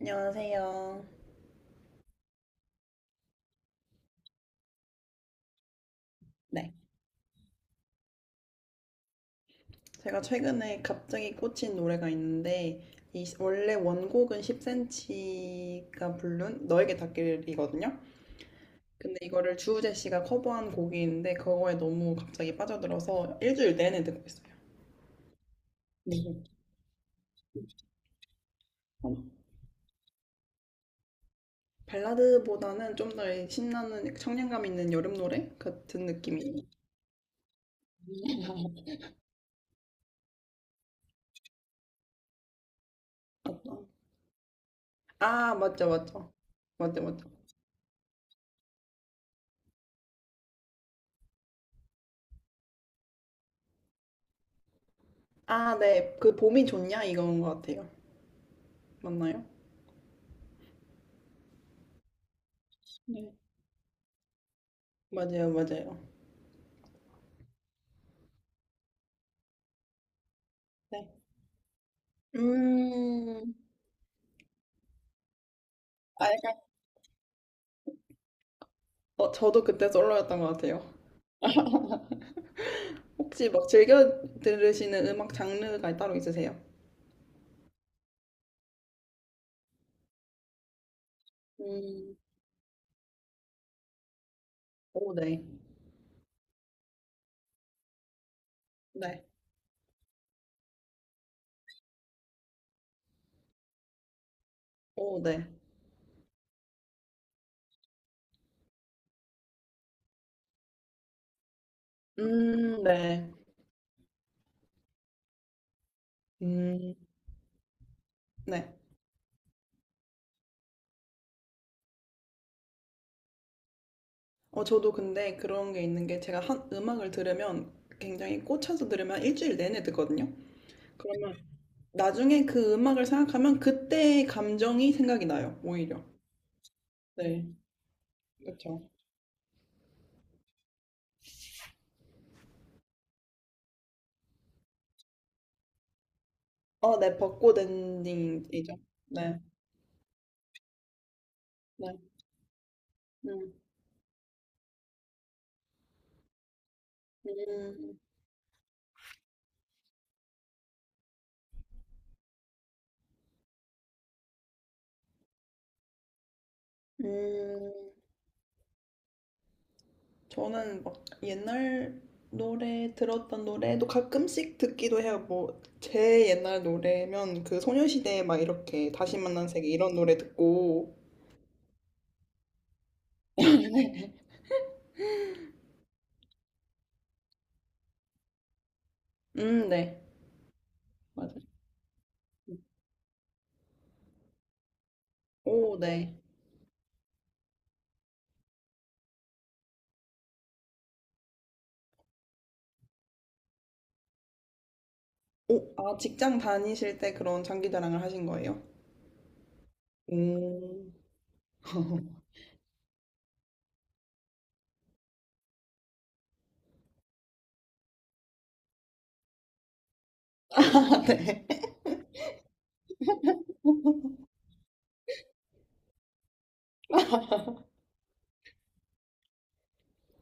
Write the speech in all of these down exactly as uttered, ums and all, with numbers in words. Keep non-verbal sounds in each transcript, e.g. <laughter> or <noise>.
안녕하세요. 네. 제가 최근에 갑자기 꽂힌 노래가 있는데, 이 시- 원래 원곡은 십 센티미터가 부른 너에게 닿길이거든요. 근데 이거를 주우재 씨가 커버한 곡인데, 그거에 너무 갑자기 빠져들어서 일주일 내내 듣고 있어요. 근데 이게 참 발라드보다는 좀 더 신나는 청량감 있는 여름 노래 같은 느낌이. 어떤? 아, 맞죠, 맞죠. 맞죠, 맞죠. 아, 네. 그 봄이 좋냐? 이건 것 같아요. 맞나요? 네. 맞아요, 맞아요. 네. 음, 아, 약간, 어, 저도 그때 솔로였던 것 같아요. 혹시 막 즐겨 들으시는 음악 장르가 따로 있으세요? 음, 오, 네. 네. 오, 네. 음, 네. 음, 네. 어, 저도 근데 그런 게 있는 게 제가 한 음악을 들으면 굉장히 꽂혀서 들으면 일주일 내내 듣거든요. 그러면 나중에 그 음악을 생각하면 그때의 감정이 생각이 나요, 오히려. 네, 그렇죠. 어, 네, 벚꽃 엔딩이죠. 네. 네. 음. 음. 음. 저는 막 옛날 노래 들었던 노래도 가끔씩 듣기도 해요. 뭐 제 옛날 노래면 그 소녀시대 막 이렇게 다시 만난 세계 이런 노래 듣고. 음, 네. 맞아요. 오, 네. 오, 아, 직장 다니실 때 그런 장기 자랑을 하신 거예요? 오. <laughs> 네.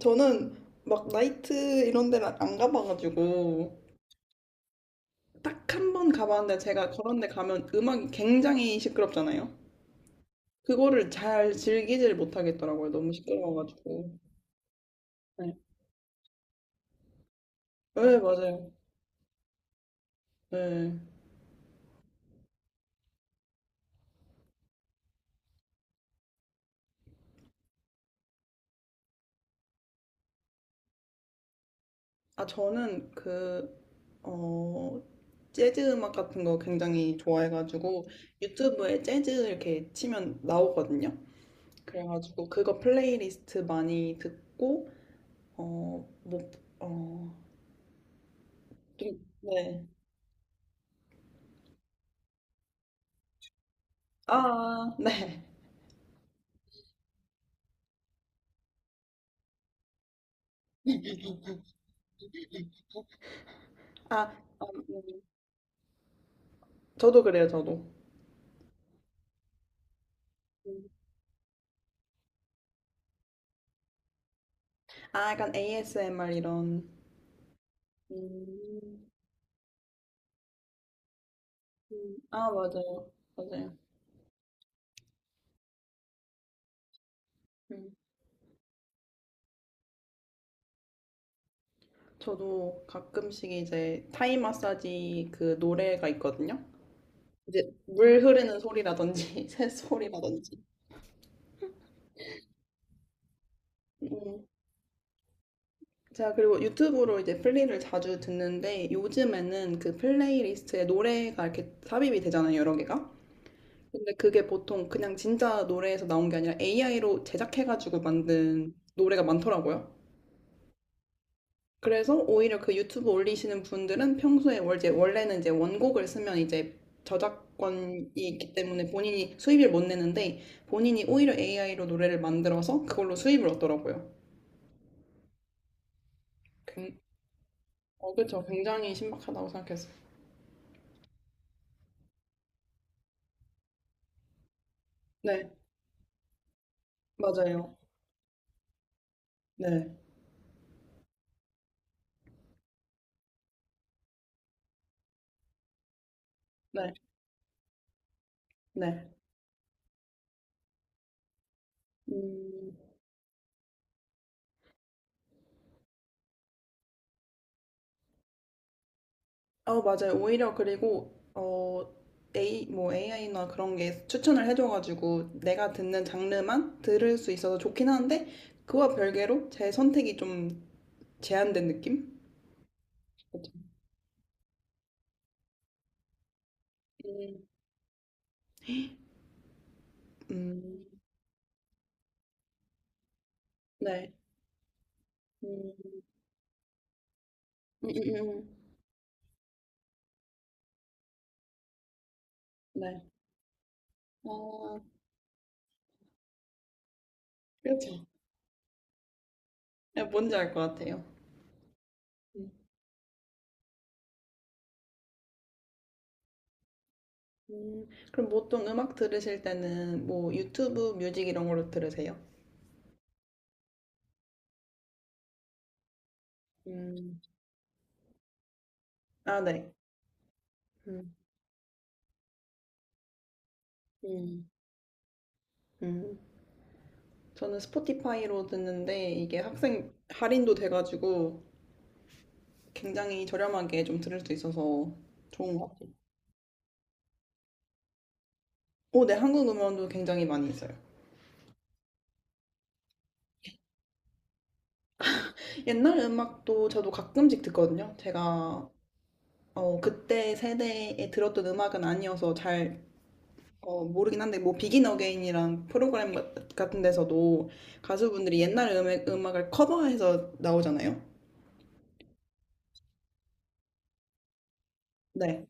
저는 막 나이트 이런 데를 안 가봐가지고. 딱 한 번 가봤는데 제가 그런 데 가면 음악이 굉장히 시끄럽잖아요. 그거를 잘 즐기질 못하겠더라고요. 너무 시끄러워가지고. 네, 네, 맞아요. 네. 아, 저는 그, 어, 재즈 음악 같은 거 굉장히 좋아해가지고 유튜브에 재즈 이렇게 치면 나오거든요. 그래가지고 그거 플레이리스트 많이 듣고, 어, 뭐, 어, 좀, 네. 아, 네. 아, 아, 음, 저도 그래요, 저도. 음. 아, 약간 에이에스엠알 이런. 음, 음. 아, 맞아요. 맞아요. 음. 저도 가끔씩 이제 타이 마사지 그 노래가 있거든요. 이제 물 흐르는 소리라든지 <laughs> 새소리라든지. 음. 제가 그리고 유튜브로 이제 플리를 자주 듣는데, 요즘에는 그 플레이리스트에 노래가 이렇게 삽입이 되잖아요, 여러 개가. 근데 그게 보통 그냥 진짜 노래에서 나온 게 아니라 에이아이로 제작해가지고 만든 노래가 많더라고요. 그래서 오히려 그 유튜브 올리시는 분들은 평소에 월- 이제 원래는 이제 원곡을 쓰면 이제 저작권이 있기 때문에 본인이 수입을 못 내는데, 본인이 오히려 에이아이로 노래를 만들어서 그걸로 수입을 얻더라고요. 굉- 어, 그렇죠. 굉장히 신박하다고 생각했어요. 네, 맞아요. 네, 네, 네. 음, 어, 맞아요. 오히려 그리고 어, A, 뭐 에이아이나 그런 게 추천을 해줘가지고 내가 듣는 장르만 들을 수 있어서 좋긴 한데, 그와 별개로 제 선택이 좀 제한된 느낌? 그쵸? 음, 음, 네. 음, 음, 음, 음. 네. 아, 그렇죠. 네, 뭔지 알 것 같아요. 음, 음. 그럼 보통 음악 들으실 때는 뭐 유튜브 뮤직 이런 걸로 들으세요? 음, 아, 네. 음, 음, 음. 저는 스포티파이로 듣는데 이게 학생 할인도 돼가지고 굉장히 저렴하게 좀 들을 수 있어서 좋은 것 같아요. 오, 네, 한국 음원도 굉장히 많이 있어요. 옛날 음악도 저도 가끔씩 듣거든요. 제가 어, 그때 세대에 들었던 음악은 아니어서 잘 어, 모르긴 한데 뭐 비긴 어게인이랑 프로그램 같- 같은 데서도 가수분들이 옛날 음악, 음악을 커버해서 나오잖아요. 네.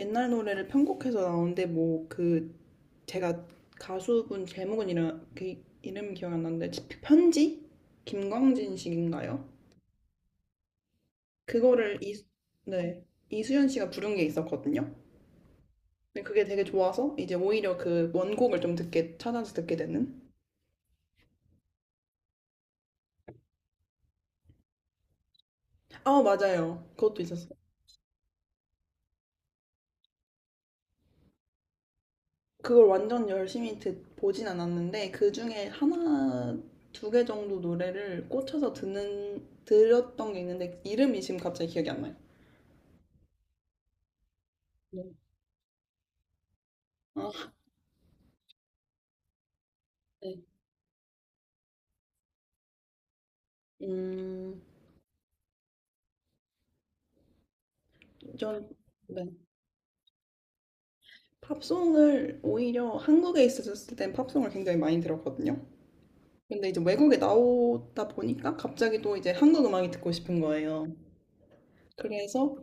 옛날 노래를 편곡해서 나오는데 뭐 그 제가 가수분 제목은 이름 그 이름 기억이 안 나는데 편지 김광진 씨인가요? 그거를 이, 네, 이수연 씨가 부른 게 있었거든요. 근데 그게 되게 좋아서 이제 오히려 그 원곡을 좀 듣게 찾아서 듣게 되는. 아 맞아요. 그것도 있었어요. 그걸 완전 열심히 듣 보진 않았는데 그 중에 하나 두 개 정도 노래를 꽂혀서 듣는 들었던 게 있는데 이름이 지금 갑자기 기억이 안 나요. 네. 아, 네. 음, 전, 네. 팝송을 오히려 한국에 있었을 땐 팝송을 굉장히 많이 들었거든요. 근데 이제 외국에 나오다 보니까 갑자기 또 이제 한국 음악이 듣고 싶은 거예요. 그래서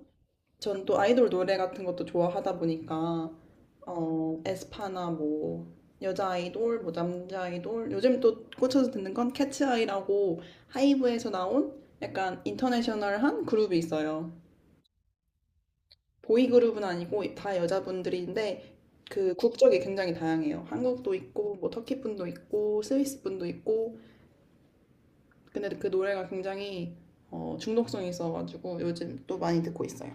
전 또 아이돌 노래 같은 것도 좋아하다 보니까 어, 에스파나 뭐 여자 아이돌, 뭐 남자 아이돌 요즘 또 꽂혀서 듣는 건 캐츠아이라고 하이브에서 나온 약간 인터내셔널한 그룹이 있어요. 보이그룹은 아니고 다 여자분들인데 그 국적이 굉장히 다양해요. 한국도 있고 뭐 터키 분도 있고 스위스 분도 있고. 근데 그 노래가 굉장히 어, 중독성이 있어가지고 요즘 또 많이 듣고 있어요.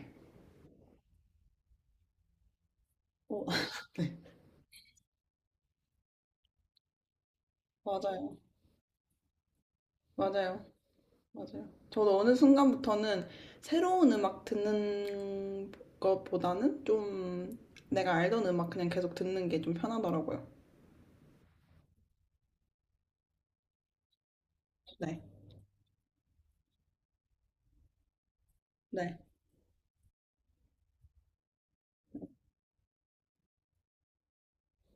어, <laughs> 맞아요. 맞아요. 맞아요. 저도 어느 순간부터는 새로운 음악 듣는 것보다는 좀 내가 알던 음악 그냥 계속 듣는 게 좀 편하더라고요. 네. 네.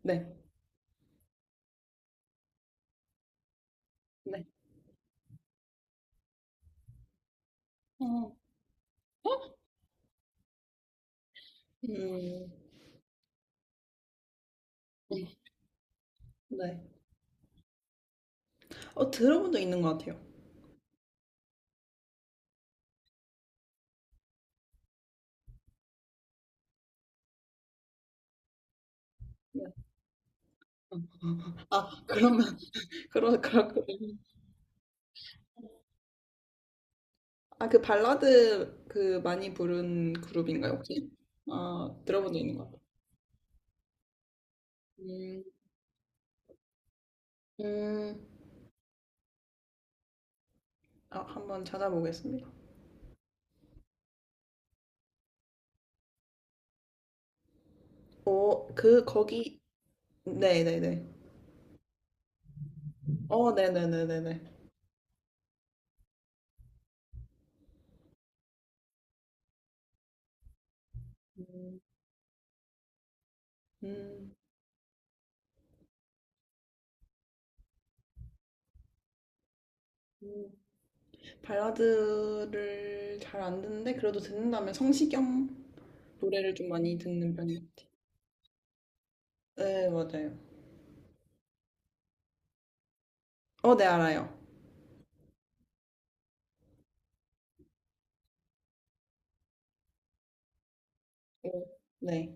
네. 네. 어, 음. 네. 어, 들어본 적 있는 것 같아요. 아, 그러면, <laughs> 그러, 그러, 그러. 아, 그 발라드 그 많이 부른 그룹인가요, 혹시? 아, 들어본 적 있는 것 같아요. 음, 음, 아, 한번 찾아보겠습니다. 어, 그, 거기, 네네네. 어, 네네네네네. 음, 음, 음. 발라드를 잘 안 듣는데, 그래도 듣는다면 성시경 노래를 좀 많이 듣는 편인 것 같아요. 네, 맞아요. 어, 네, 알아요. 오.. 네.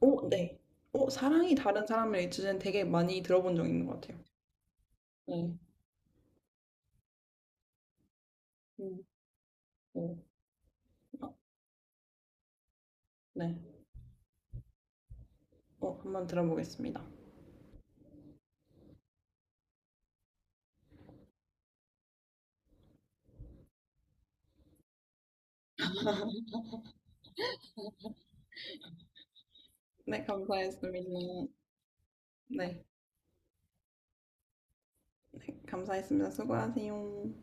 오, 네. 오, 사랑이 다른 사람을 잊으는 되게 많이 들어본 적 있는 것 같아요. 네. 음. 오, 어, 네. 어, 한번 들어보겠습니다. 네, 감사했습니다. 네, 네, 감사했습니다. 수고하세요.